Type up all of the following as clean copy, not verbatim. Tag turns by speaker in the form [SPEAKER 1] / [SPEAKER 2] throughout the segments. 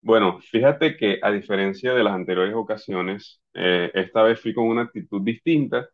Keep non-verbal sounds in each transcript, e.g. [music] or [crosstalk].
[SPEAKER 1] Bueno, fíjate que a diferencia de las anteriores ocasiones, esta vez fui con una actitud distinta,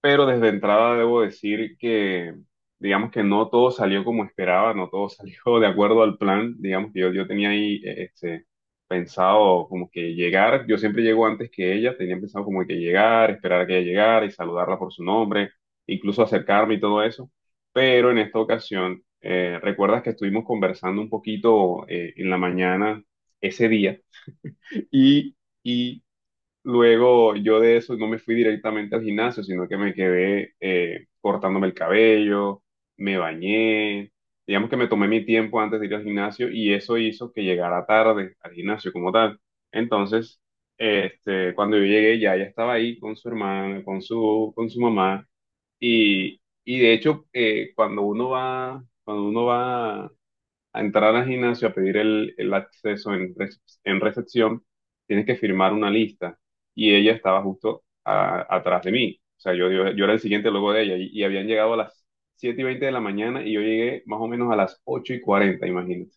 [SPEAKER 1] pero desde entrada debo decir que, digamos que no todo salió como esperaba, no todo [laughs] salió de acuerdo al plan. Digamos que yo tenía ahí pensado como que llegar. Yo siempre llego antes que ella, tenía pensado como que llegar, esperar a que ella llegara y saludarla por su nombre, incluso acercarme y todo eso. Pero en esta ocasión, recuerdas que estuvimos conversando un poquito en la mañana ese día y... Y luego yo de eso no me fui directamente al gimnasio, sino que me quedé cortándome el cabello, me bañé. Digamos que me tomé mi tiempo antes de ir al gimnasio y eso hizo que llegara tarde al gimnasio como tal. Entonces, cuando yo llegué, ya ella estaba ahí con su hermana, con su mamá. Y de hecho, cuando uno va a entrar al gimnasio, a pedir el acceso en recepción, tienes que firmar una lista. Y ella estaba justo atrás de mí. O sea, yo era el siguiente luego de ella. Y habían llegado a las 7:20 de la mañana y yo llegué más o menos a las 8:40, imagínate.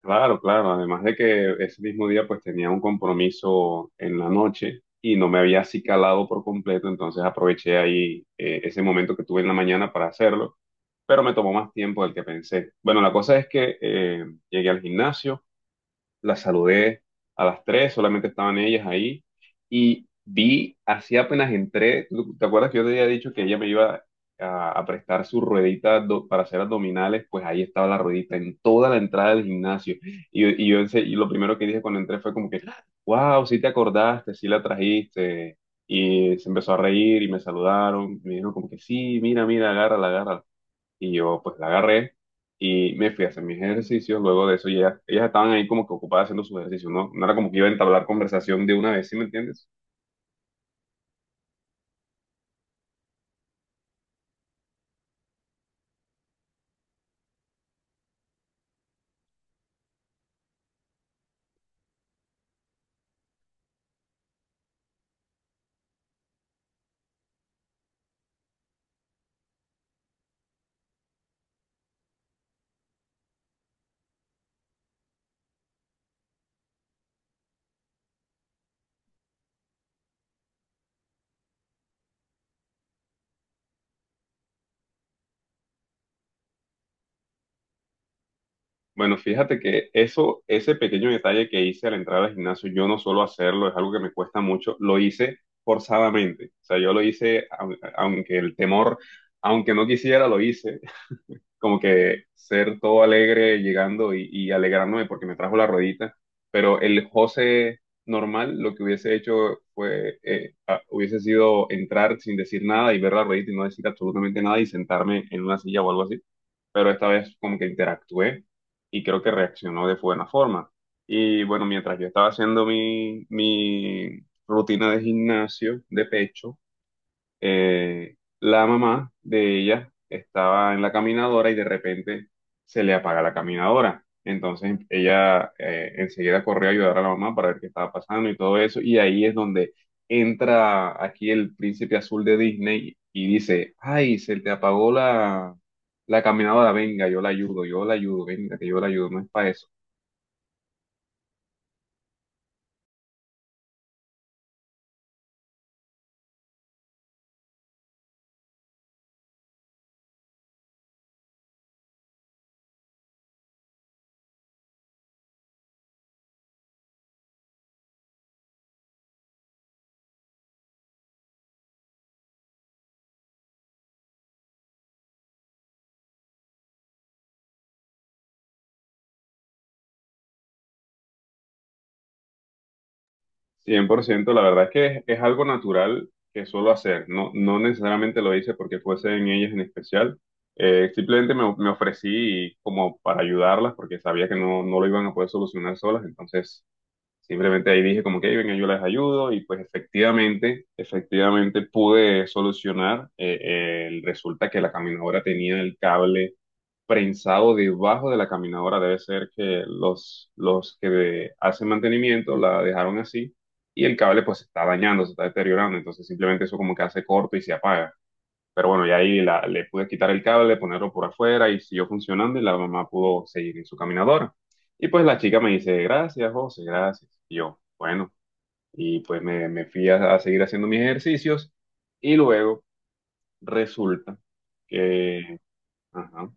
[SPEAKER 1] Claro, claro. Además de que ese mismo día pues tenía un compromiso en la noche y no me había acicalado por completo. Entonces aproveché ahí ese momento que tuve en la mañana para hacerlo, pero me tomó más tiempo del que pensé. Bueno, la cosa es que llegué al gimnasio, la saludé a las tres, solamente estaban ellas ahí. Y vi, así apenas entré, ¿Te acuerdas que yo te había dicho que ella me iba a prestar su ruedita para hacer abdominales? Pues ahí estaba la ruedita en toda la entrada del gimnasio. Y lo primero que dije cuando entré fue como que, wow, sí te acordaste, sí la trajiste. Y se empezó a reír y me saludaron. Me dijeron como que sí, mira, mira, agárrala, agárrala, y yo pues la agarré y me fui a hacer mis ejercicios. Luego de eso ya, ellas estaban ahí como que ocupadas haciendo sus ejercicios, ¿no? No era como que iba a entablar conversación de una vez, ¿sí me entiendes? Bueno, fíjate que eso, ese pequeño detalle que hice al entrar al gimnasio, yo no suelo hacerlo, es algo que me cuesta mucho, lo hice forzadamente. O sea, yo lo hice, aunque el temor, aunque no quisiera, lo hice, como que ser todo alegre llegando y alegrándome porque me trajo la rodita. Pero el José normal lo que hubiese hecho fue, hubiese sido entrar sin decir nada y ver la ruedita y no decir absolutamente nada y sentarme en una silla o algo así. Pero esta vez como que interactué y creo que reaccionó de buena forma. Y bueno, mientras yo estaba haciendo mi rutina de gimnasio de pecho, la mamá de ella estaba en la caminadora y de repente se le apaga la caminadora. Entonces ella enseguida corrió a ayudar a la mamá para ver qué estaba pasando y todo eso. Y ahí es donde entra aquí el príncipe azul de Disney y dice, ay, se te apagó la caminadora, venga, yo la ayudo, venga, que yo la ayudo, no es para eso. 100%. La verdad es que es algo natural que suelo hacer, no, no necesariamente lo hice porque fuese en ellas en especial. Simplemente me ofrecí como para ayudarlas porque sabía que no, no lo iban a poder solucionar solas. Entonces simplemente ahí dije como que "Ey, venga, yo les ayudo", y pues efectivamente, efectivamente pude solucionar. Resulta que la caminadora tenía el cable prensado debajo de la caminadora. Debe ser que los que hacen mantenimiento la dejaron así y el cable pues se está dañando, se está deteriorando. Entonces simplemente eso como que hace corto y se apaga. Pero bueno, y ahí le pude quitar el cable, ponerlo por afuera y siguió funcionando, y la mamá pudo seguir en su caminadora. Y pues la chica me dice, gracias, José, gracias. Y yo, bueno, y pues me fui a seguir haciendo mis ejercicios y luego resulta que. Ajá.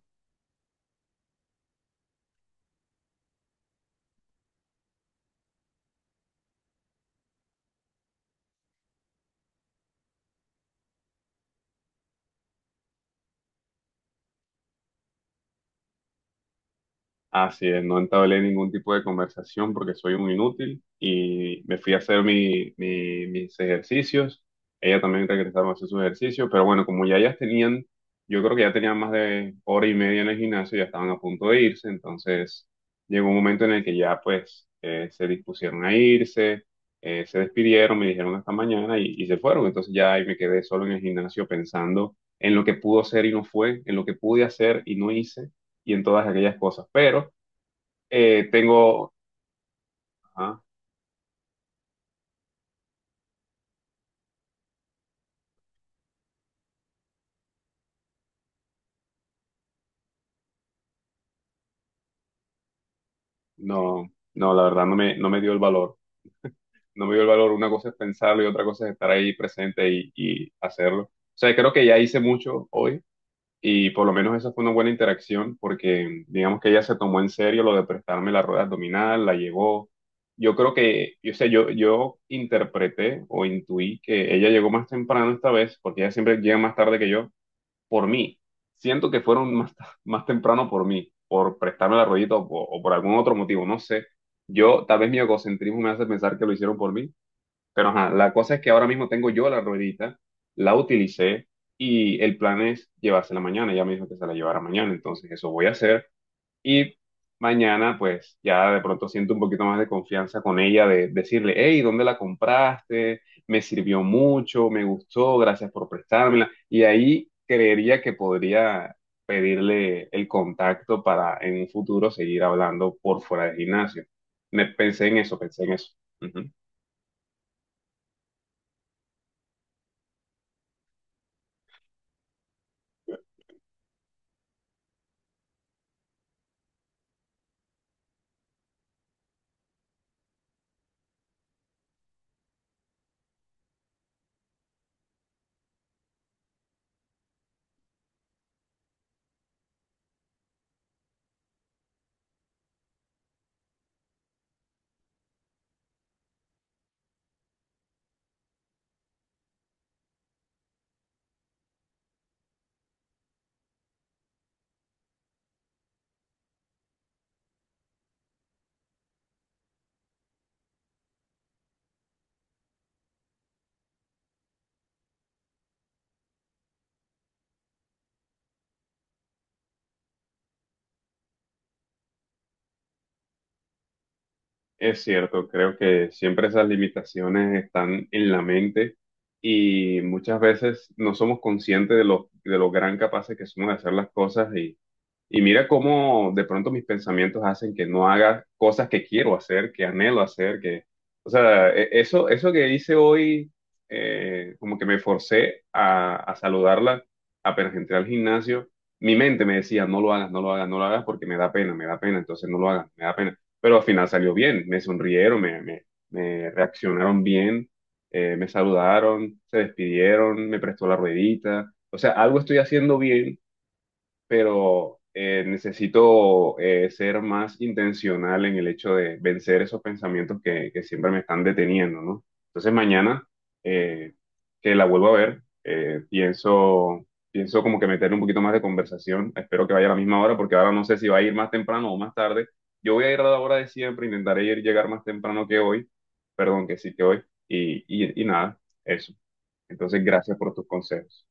[SPEAKER 1] Así es, no entablé ningún tipo de conversación porque soy un inútil y me fui a hacer mis ejercicios. Ella también regresaron a hacer sus ejercicios, pero bueno, como ya ellas tenían, yo creo que ya tenían más de hora y media en el gimnasio, ya estaban a punto de irse. Entonces llegó un momento en el que ya pues se dispusieron a irse, se despidieron, me dijeron hasta mañana y se fueron. Entonces ya ahí me quedé solo en el gimnasio pensando en lo que pudo ser y no fue, en lo que pude hacer y no hice y en todas aquellas cosas, pero. Tengo, ajá, no, no, la verdad no me dio el valor. No me dio el valor. Una cosa es pensarlo y otra cosa es estar ahí presente y hacerlo. O sea, creo que ya hice mucho hoy, y por lo menos esa fue una buena interacción porque digamos que ella se tomó en serio lo de prestarme la rueda abdominal, la llevó. Yo creo que, yo sé, yo interpreté o intuí que ella llegó más temprano esta vez porque ella siempre llega más tarde que yo, por mí. Siento que fueron más temprano por mí, por prestarme la ruedita o por algún otro motivo, no sé. Yo, tal vez mi egocentrismo me hace pensar que lo hicieron por mí, pero ajá, la cosa es que ahora mismo tengo yo la ruedita, la utilicé y el plan es llevársela mañana. Ella me dijo que se la llevara mañana, entonces eso voy a hacer. Y mañana, pues ya de pronto siento un poquito más de confianza con ella, de decirle, hey, ¿dónde la compraste? Me sirvió mucho, me gustó, gracias por prestármela. Y ahí creería que podría pedirle el contacto para en un futuro seguir hablando por fuera del gimnasio. Me pensé en eso, pensé en eso. Ujú. Es cierto, creo que siempre esas limitaciones están en la mente y muchas veces no somos conscientes de lo, gran capaces que somos de hacer las cosas, y mira cómo de pronto mis pensamientos hacen que no haga cosas que quiero hacer, que anhelo hacer, que, o sea, eso que hice hoy, como que me forcé a saludarla apenas entré al gimnasio. Mi mente me decía, no lo hagas, no lo hagas, no lo hagas porque me da pena, entonces no lo hagas, me da pena. Pero al final salió bien, me sonrieron, me reaccionaron bien, me saludaron, se despidieron, me prestó la ruedita. O sea, algo estoy haciendo bien, pero necesito ser más intencional en el hecho de vencer esos pensamientos que siempre me están deteniendo, ¿no? Entonces mañana, eh, que la vuelvo a ver, pienso como que meterle un poquito más de conversación. Espero que vaya a la misma hora porque ahora no sé si va a ir más temprano o más tarde. Yo voy a ir a la hora de siempre, intentaré ir, llegar más temprano que hoy, perdón, que sí que hoy, y nada, eso. Entonces, gracias por tus consejos.